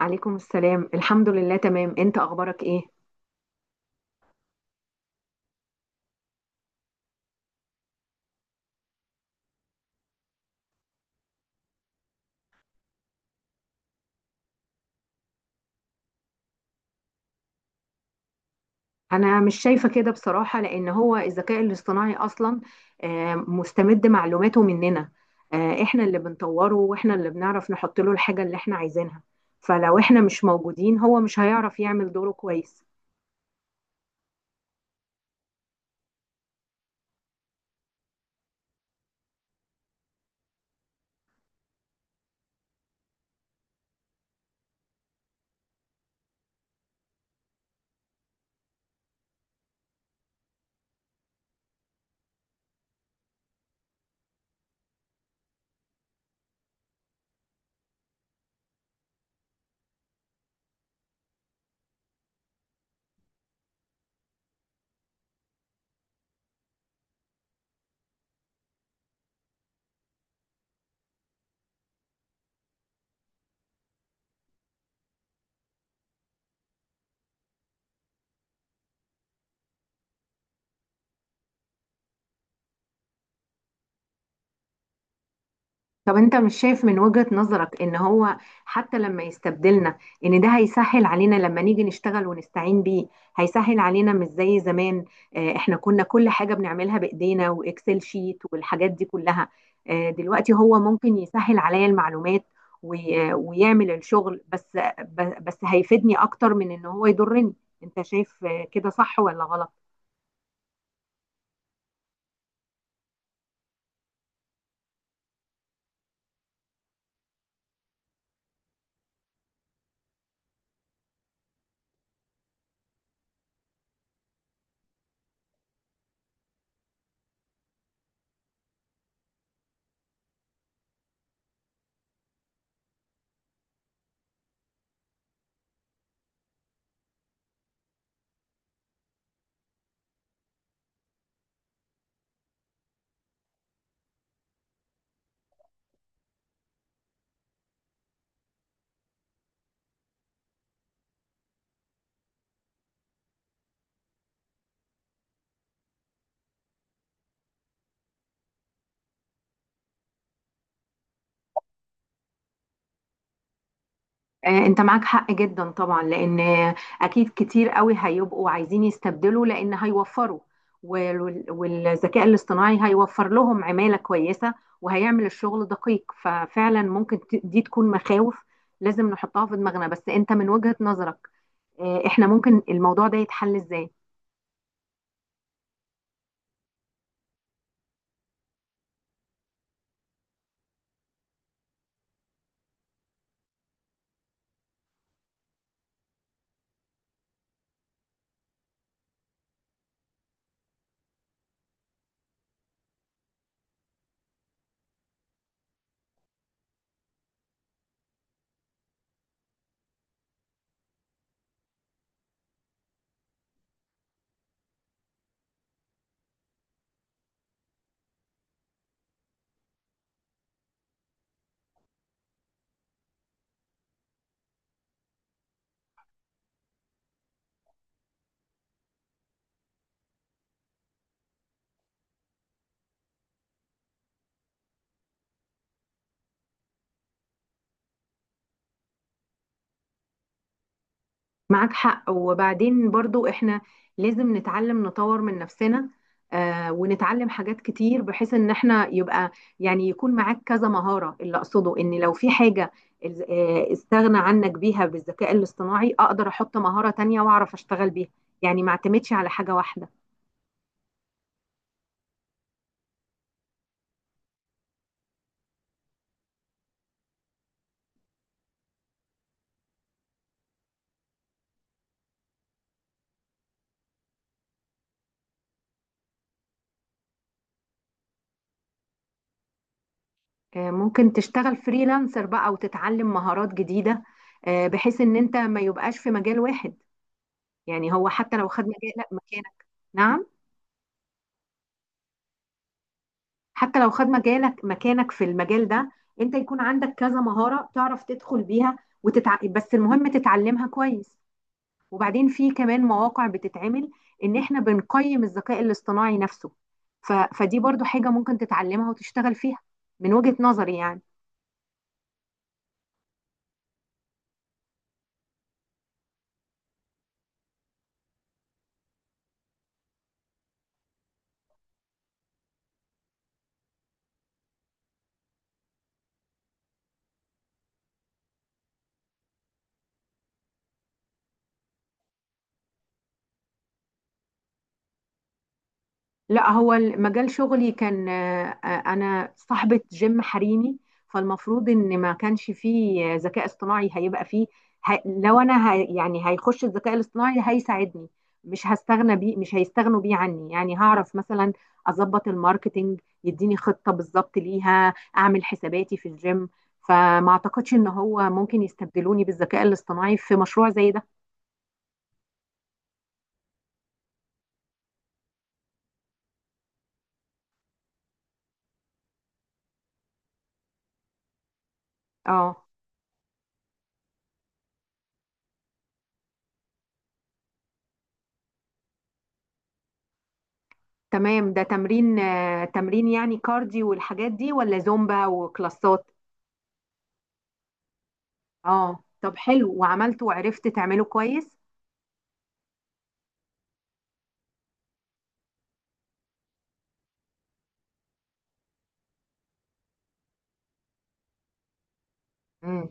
عليكم السلام، الحمد لله تمام. انت اخبارك ايه؟ انا مش شايفه كده بصراحه، لان هو الذكاء الاصطناعي اصلا مستمد معلوماته مننا. احنا اللي بنطوره واحنا اللي بنعرف نحط له الحاجه اللي احنا عايزينها. فلو احنا مش موجودين هو مش هيعرف يعمل دوره كويس. طب انت مش شايف من وجهة نظرك ان هو حتى لما يستبدلنا ان ده هيسهل علينا لما نيجي نشتغل ونستعين بيه؟ هيسهل علينا مش زي زمان. اه، احنا كنا كل حاجة بنعملها بايدينا واكسل شيت والحاجات دي كلها. اه دلوقتي هو ممكن يسهل عليا المعلومات ويعمل الشغل، بس هيفيدني اكتر من ان هو يضرني. انت شايف اه كده صح ولا غلط؟ انت معاك حق جدا طبعا، لان اكيد كتير قوي هيبقوا عايزين يستبدلوا لان هيوفروا. والذكاء الاصطناعي هيوفر لهم عمالة كويسة وهيعمل الشغل دقيق. ففعلا ممكن دي تكون مخاوف لازم نحطها في دماغنا. بس انت من وجهة نظرك، احنا ممكن الموضوع ده يتحل ازاي؟ معاك حق. وبعدين برضو احنا لازم نتعلم نطور من نفسنا، آه، ونتعلم حاجات كتير بحيث ان احنا يبقى يعني يكون معاك كذا مهارة. اللي اقصده ان لو في حاجة استغنى عنك بيها بالذكاء الاصطناعي اقدر احط مهارة تانية واعرف اشتغل بيها. يعني ما اعتمدش على حاجة واحدة. آه ممكن تشتغل فريلانسر بقى وتتعلم مهارات جديدة، آه، بحيث ان انت ما يبقاش في مجال واحد. يعني هو حتى لو خد مجال لا مكانك. نعم. حتى لو خد مجالك مكانك في المجال ده انت يكون عندك كذا مهارة تعرف تدخل بيها. بس المهم تتعلمها كويس. وبعدين في كمان مواقع بتتعمل ان احنا بنقيم الذكاء الاصطناعي نفسه. فدي برضو حاجة ممكن تتعلمها وتشتغل فيها، من وجهة نظري يعني. لا، هو مجال شغلي كان انا صاحبة جيم حريمي. فالمفروض ان ما كانش فيه ذكاء اصطناعي هيبقى فيه. لو انا يعني هيخش الذكاء الاصطناعي هيساعدني، مش هستغنى بيه، مش هيستغنوا بيه عني. يعني هعرف مثلا اظبط الماركتينج، يديني خطة بالظبط ليها، اعمل حساباتي في الجيم. فما اعتقدش ان هو ممكن يستبدلوني بالذكاء الاصطناعي في مشروع زي ده. اه تمام. ده تمرين تمرين يعني كارديو والحاجات دي ولا زومبا وكلاسات؟ اه طب حلو، وعملته وعرفت تعمله كويس؟ مم.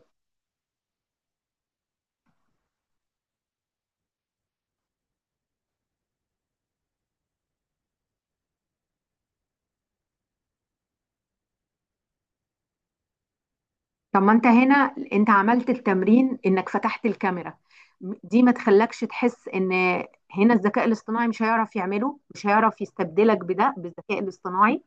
طب ما انت هنا انت عملت التمرين انك فتحت الكاميرا، دي ما تخلكش تحس ان هنا الذكاء الاصطناعي مش هيعرف يعمله، مش هيعرف يستبدلك بده بالذكاء الاصطناعي؟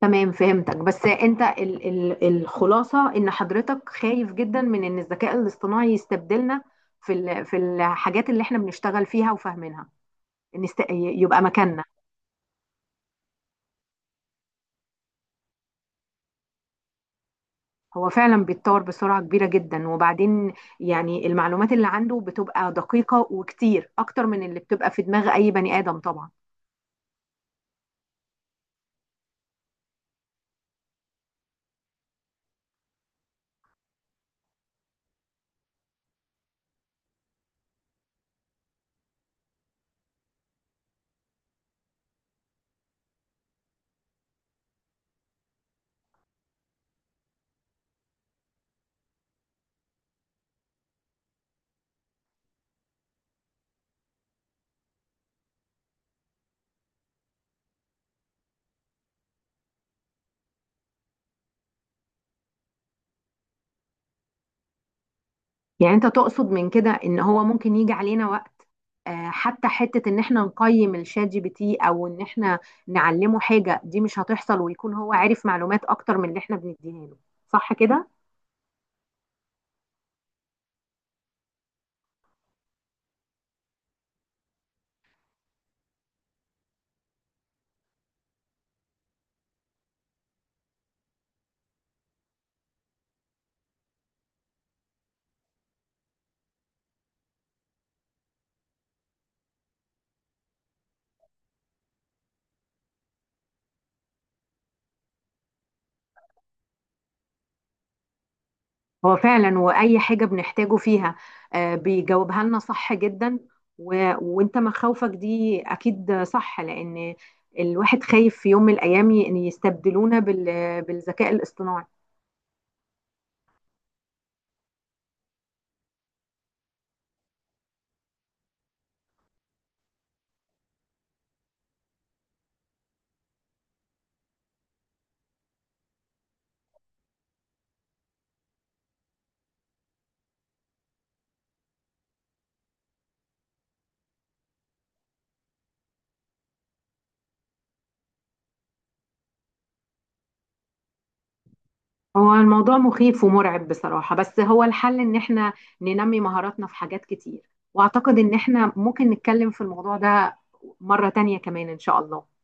تمام، فهمتك. بس انت ال ال الخلاصة ان حضرتك خايف جدا من ان الذكاء الاصطناعي يستبدلنا في الحاجات اللي احنا بنشتغل فيها وفاهمينها، يبقى مكاننا. هو فعلا بيتطور بسرعة كبيرة جدا. وبعدين يعني المعلومات اللي عنده بتبقى دقيقة وكتير أكتر من اللي بتبقى في دماغ أي بني آدم طبعا. يعني أنت تقصد من كده إن هو ممكن يجي علينا وقت، حتى حتة إن إحنا نقيم الشات GPT أو إن إحنا نعلمه حاجة دي مش هتحصل، ويكون هو عارف معلومات أكتر من اللي إحنا بنديها له، صح كده؟ هو فعلا واي حاجه بنحتاجه فيها بيجاوبها لنا صح جدا. و... وانت مخاوفك دي اكيد صح، لان الواحد خايف في يوم من الايام ان يستبدلونا بالذكاء الاصطناعي. هو الموضوع مخيف ومرعب بصراحه. بس هو الحل ان احنا ننمي مهاراتنا في حاجات كتير. واعتقد ان احنا ممكن نتكلم في الموضوع ده مره تانية كمان ان شاء الله.